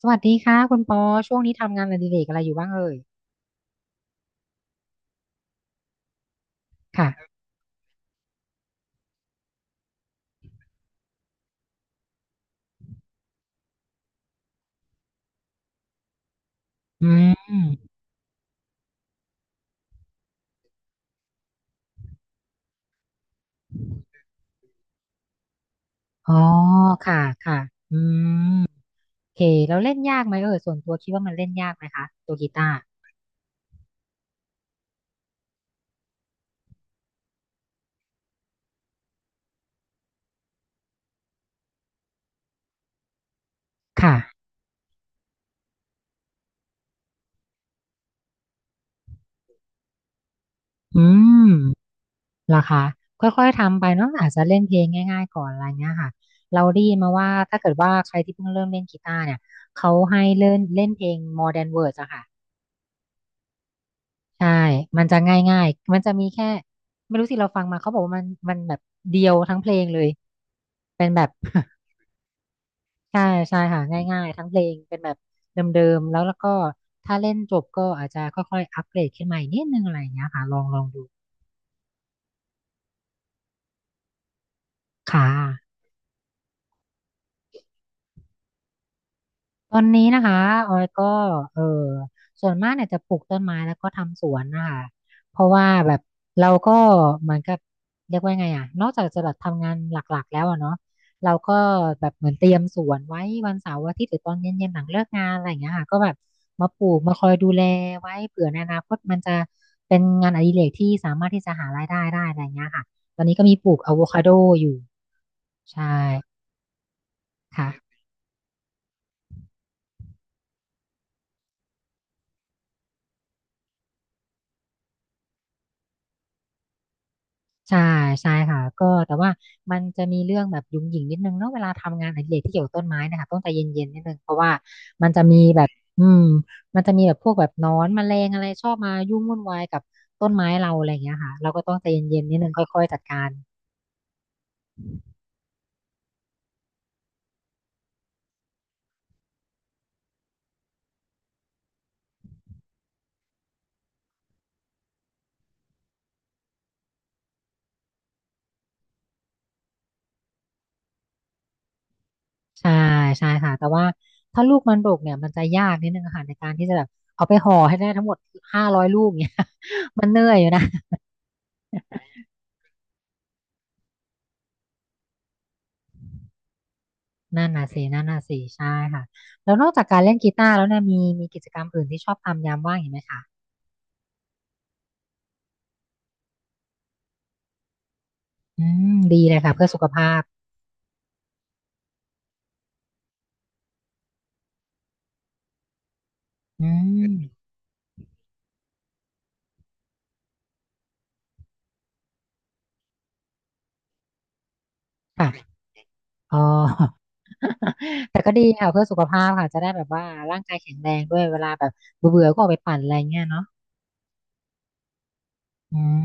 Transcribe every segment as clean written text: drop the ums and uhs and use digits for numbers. สวัสดีค่ะคุณปอช่วงนี้ทำงานอดิเรกอะไรอยู่บ้างเอ่ยค่ะอืมอ๋อค่ะค่ะอืมโอเคแล้วเล่นยากไหมเอ่ยส่วนตัวคิดว่ามันเล่นยากไหมคะตัวกีตาร์ค่ะอืมเหรอคะค่อยๆทำไปเนาะอาจจะเล่นเพลงง่ายๆก่อนอะไรเงี้ยค่ะเราได้ยินมาว่าถ้าเกิดว่าใครที่เพิ่งเริ่มเล่นกีตาร์เนี่ยเขาให้เล่นเล่นเพลง Modern Words อะค่ะ ใช่ มันจะง่ายๆมันจะมีแค่ ไม่รู้สิเราฟังมาเขาบอกว่ามันแบบเดียวทั้งเพลงเลย เป็นแบบ ใช่ใช่ค่ะ ง่ายๆทั้งเพลงเป็นแบบเดิมๆ แล้วก็ถ้าเล่นจบก็อาจจะค่อยๆ อัปเกรดขึ้นมาอีกนิดนึงอะไรอย่างเงี้ยค่ะ ลองดูค่ะ ตอนนี้นะคะออยก็เออส่วนมากเนี่ยจะปลูกต้นไม้แล้วก็ทำสวนนะคะเพราะว่าแบบเราก็เหมือนกับเรียกว่าไงอ่ะนอกจากจะแบบทำงานหลักๆแล้วอะเนาะเราก็แบบเหมือนเตรียมสวนไว้วันเสาร์อาทิตย์หรือตอนเย็นๆหลังเลิกงานอะไรอย่างเงี้ยค่ะก็แบบมาปลูกมาคอยดูแลไว้เผื่อในอนาคตมันจะเป็นงานอดิเรกที่สามารถที่จะหารายได้ได้อะไรอย่างเงี้ยค่ะตอนนี้ก็มีปลูกอะโวคาโดอยู่ใช่ค่ะ ใช่ใช่ค่ะก็แต่ว่ามันจะมีเรื่องแบบหยุ่งหยิ่งนิดนึงเนาะเวลาทำงานอดิเรกที่เกี่ยวกับต้นไม้เนะคะต้องใจเย็นๆนิดนึงเพราะว่ามันจะมีแบบอืมมันจะมีแบบพวกแบบหนอนแมลงอะไรชอบมายุ่งวุ่นวายกับต้นไม้เราอะไรอย่างเงี้ยค่ะเราก็ต้องใจเย็นๆนิดนึงค่อยๆจัดการใช่ใช่ค่ะแต่ว่าถ้าลูกมันดกเนี่ยมันจะยากนิดนึงอะค่ะในการที่จะแบบเอาไปห่อให้ได้ทั้งหมด500ลูกเนี่ย มันเหนื่อยอยู่นะ นั่นน่ะสินั่นน่ะสิใช่ค่ะแล้วนอกจากการเล่นกีตาร์แล้วเนี่ยมีกิจกรรมอื่นที่ชอบทำยามว่างอีกไหมคะอืมดีเลยค่ะเพื่อสุขภาพอืมค่ะอ๋อ แต่ก็ดีค่ะเพื่อสุขภาพค่ะจะได้แบบว่าร่างกายแข็งแรงด้วยเวลาแบบเบื่อๆก็ออกไปปั่นอะไรเงี้ยเนาะอืม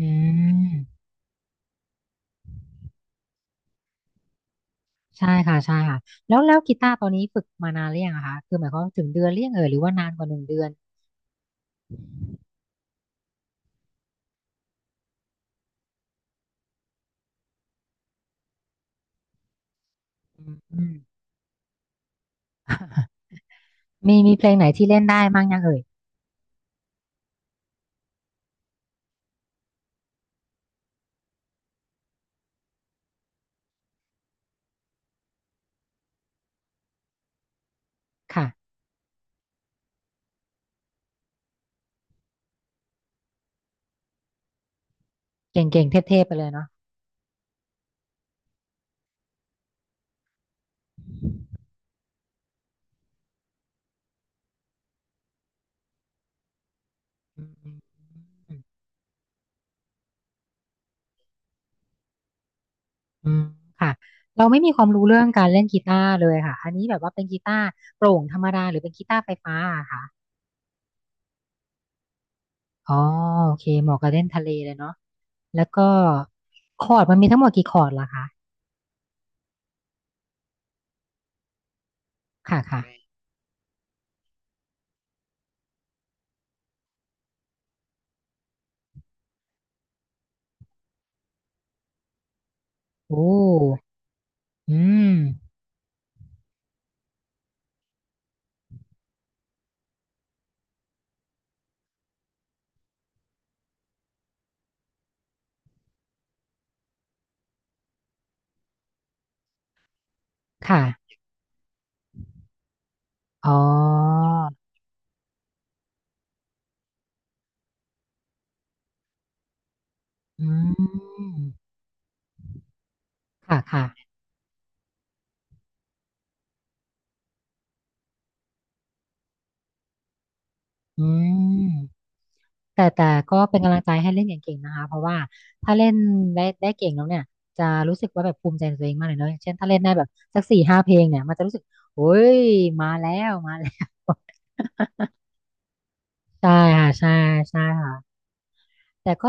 อืมใช่ค่ะใช่ค่ะแล้วกีตาร์ตอนนี้ฝึกมานานหรือยังอะคะคือหมายความว่าถึงเดือนหรือยังเอ่ยหรือว่านานกว่า1เดือนอืม มีเพลงไหนที่เล่นได้บ้างยังเอ่ยค่ะเก่งๆเทพๆไปเลยเนาะ อืมอืมอืมค่ะเราไม่มีความรู้เรื่องการเล่นกีตาร์เลยค่ะอันนี้แบบว่าเป็นกีตาร์โปร่งธรรมดาหรือเป็นกีตาร์ไฟฟ้าอะค่ะอ๋อโอเคเหมาะกับเล่นทะเลเลยเนาะแล้วก็คอร์ดมันมีทั้งหมดกี่คอร์ดล่ะคะค่ะค่ะโอ้อืมค่ะอ๋ออืมค่ะค่ะอืม แต่ก็เป็นกำลังใจให้เล่นเก่งๆนะคะ เพราะว่าถ้าเล่นได้เก่งแล้วเนี่ยจะรู้สึกว่าแบบภูมิใจในตัวเองมากเลยเนาะอย่างเช่นถ้าเล่นได้แบบสัก4-5เพลงเนี่ยมันจะรู้สึกโอ้ยมาแล้วมาแล้ว ใช่ค่ะใช่ใช่ค่ะ แต่ก็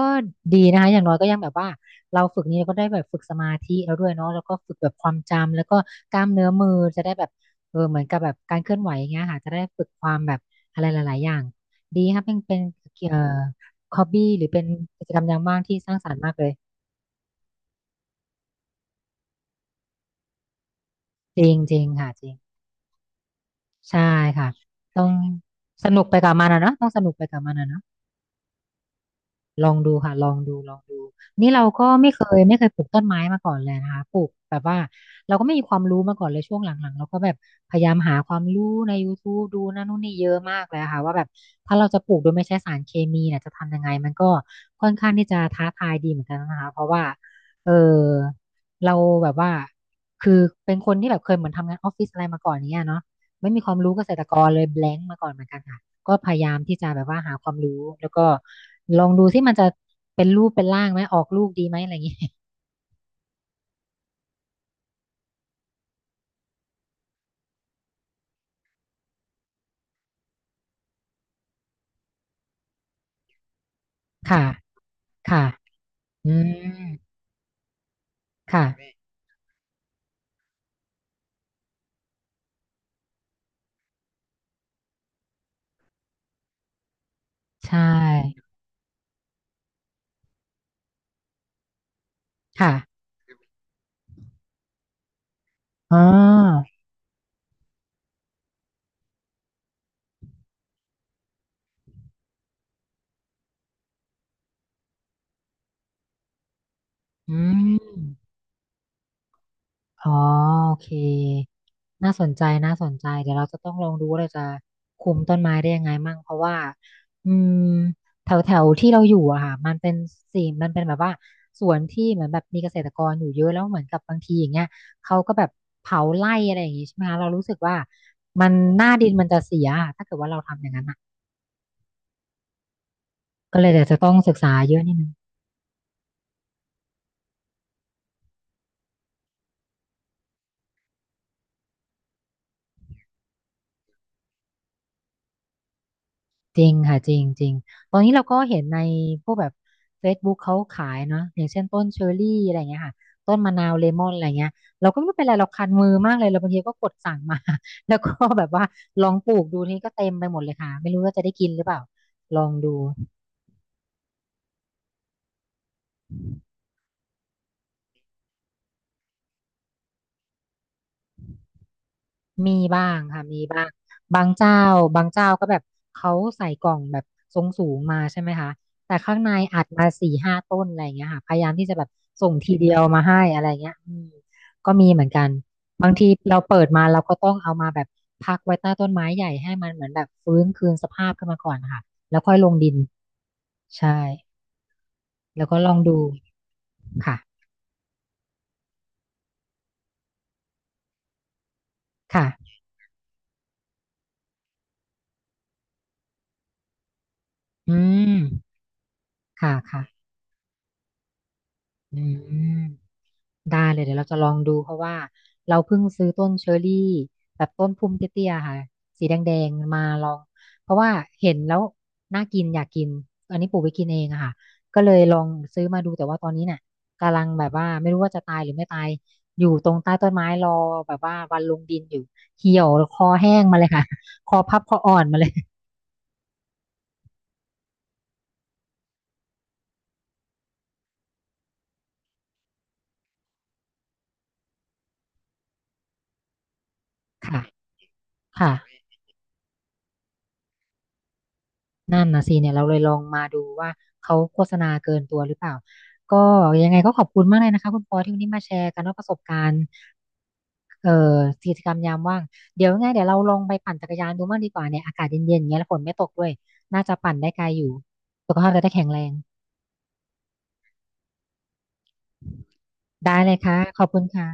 ดีนะคะอย่างน้อยก็ยังแบบว่าเราฝึกนี้เราก็ได้แบบฝึกสมาธิแล้วด้วยเนาะแล้วก็ฝึกแบบความจำแล้วก็กล้ามเนื้อมือจะได้แบบเหมือนกับแบบการเคลื่อนไหวอย่างเงี้ยค่ะจะได้ฝึกความแบบอะไรหลายๆอย่างดีครับเป็นเอ่อฮอบบี้หรือเป็นกิจกรรมยามว่างที่สร้างสรรค์มากเลยจริงจริงค่ะจริงใช่ค่ะต้องสนุกไปกับมันอะเนาะต้องสนุกไปกับมันอะเนาะ ลองดูค่ะลองดูลองดูนี่เราก็ไม่เคยปลูกต้นไม้มาก่อนเลยนะคะปลูกแบบว่าเราก็ไม่มีความรู้มาก่อนเลยช่วงหลังๆเราก็แบบพยายามหาความรู้ในย o ทูบดูนั่นนู่นนี่เยอะมากเลยค่ะว่าแบบถ้าเราจะปลูกโดยไม่ใช้สารเคมีเนี่ยจะทำยังไงมันก็ค่อนข้างที่จะท้าทายดีเหมือนกันนะคะเพราะว่าเออเราแบบว่าคือเป็นคนที่แบบเคยเหมือนทำงานออฟฟิศอะไรมาก่อน่เนี้ยเนาะไม่มีความรู้เกษตรกรเลย blank มาก่อนเหมือนกันค่ะ ก็พยายามที่จะแบบว่าหาความรู้แล้วก็ลองดูที่มันจะเป็นรูปเป็นร่างไหมออกลูกดีไหมอะไรอย่างนี้ ค่ะ ค่ะ อืม ค่ะ ใช่ ค่ะอ๋ออืม อ๋อโอเคน่าสนใจน่าสนใจเดี๋ยวเราจะต้องลองดูว่าเราจะคุมต้นไม้ได้ยังไงมั่งเพราะว่าอืมแถวแถวที่เราอยู่อะค่ะมันเป็นมันเป็นแบบว่าสวนที่เหมือนแบบมีเกษตรกรอยู่เยอะแล้วเหมือนกับบางทีอย่างเงี้ยเขาก็แบบเผาไร่อะไรอย่างงี้ใช่ไหมคะเรารู้สึกว่ามันหน้าดินมันจะเสียอะถ้าเกิดว่าเราทำอย่างนั้นอะก็เลยเดี๋ยวจะต้องศึกษาเยอะนิดนึง จริงค่ะจริงจริงตอนนี้เราก็เห็นในพวกแบบ Facebook เขาขายเนาะอย่างเช่นต้นเชอร์รี่อะไรเงี้ยค่ะต้นมะนาวเลมอนอะไรเงี้ยเราก็ไม่รู้เป็นไรเราคันมือมากเลยเราบางทีก็กดสั่งมา แล้วก็แบบว่าลองปลูกดูนี่ก็เต็มไปหมดเลยค่ะไม่รู้ว่าจะได้กินหรือเปล่าลองดู มีบ้างค่ะมีบ้างบางเจ้าบางเจ้าก็แบบเขาใส่กล่องแบบทรงสูงมาใช่ไหมคะแต่ข้างในอัดมาสี่ห้าต้นอะไรอย่างเงี้ยค่ะพยายามที่จะแบบส่งทีเดียวมาให้อะไรเงี้ยอืมก็มีเหมือนกันบางทีเราเปิดมาเราก็ต้องเอามาแบบพักไว้ใต้ต้นไม้ใหญ่ให้มันเหมือนแบบฟื้นคืนสภาพขึ้นมาก่อนค่ะแล้วค่อยลงดินใช่แล้วก็ลองดูค่ะค่ะอืมค่ะค่ะอืม ได้เลยเดี๋ยวเราจะลองดูเพราะว่าเราเพิ่งซื้อต้นเชอรรี่แบบต้นพุ่มเตี้ยๆค่ะสีแดงๆมาลองเพราะว่าเห็นแล้วน่ากินอยากกินอันนี้ปลูกไว้กินเองอะค่ะก็เลยลองซื้อมาดูแต่ว่าตอนนี้เนี่ยกำลังแบบว่าไม่รู้ว่าจะตายหรือไม่ตายอยู่ตรงใต้ต้นไม้รอแบบว่าวันลงดินอยู่เหี่ยวคอแห้งมาเลยค่ะ คอพับคออ่อนมาเลยค่ะค่ะ นั่นนะสิเนี่ยเราเลยลองมาดูว่าเขาโฆษณาเกินตัวหรือเปล่าก็ยังไงก็ขอบคุณมากเลยนะคะคุณปอที่วันนี้มาแชร์กันว่าประสบการณ์เอ่อกิจกรรมยามว่างเดี๋ยวยังไงเดี๋ยวเราลองไปปั่นจักรยานดูบ้างดีกว่าเนี่ยอากาศเย็นๆอย่างเงี้ยแล้วฝนไม่ตกด้วยน่าจะปั่นได้ไกลอยู่สุขภาพจะได้แข็งแรงได้เลยค่ะขอบคุณค่ะ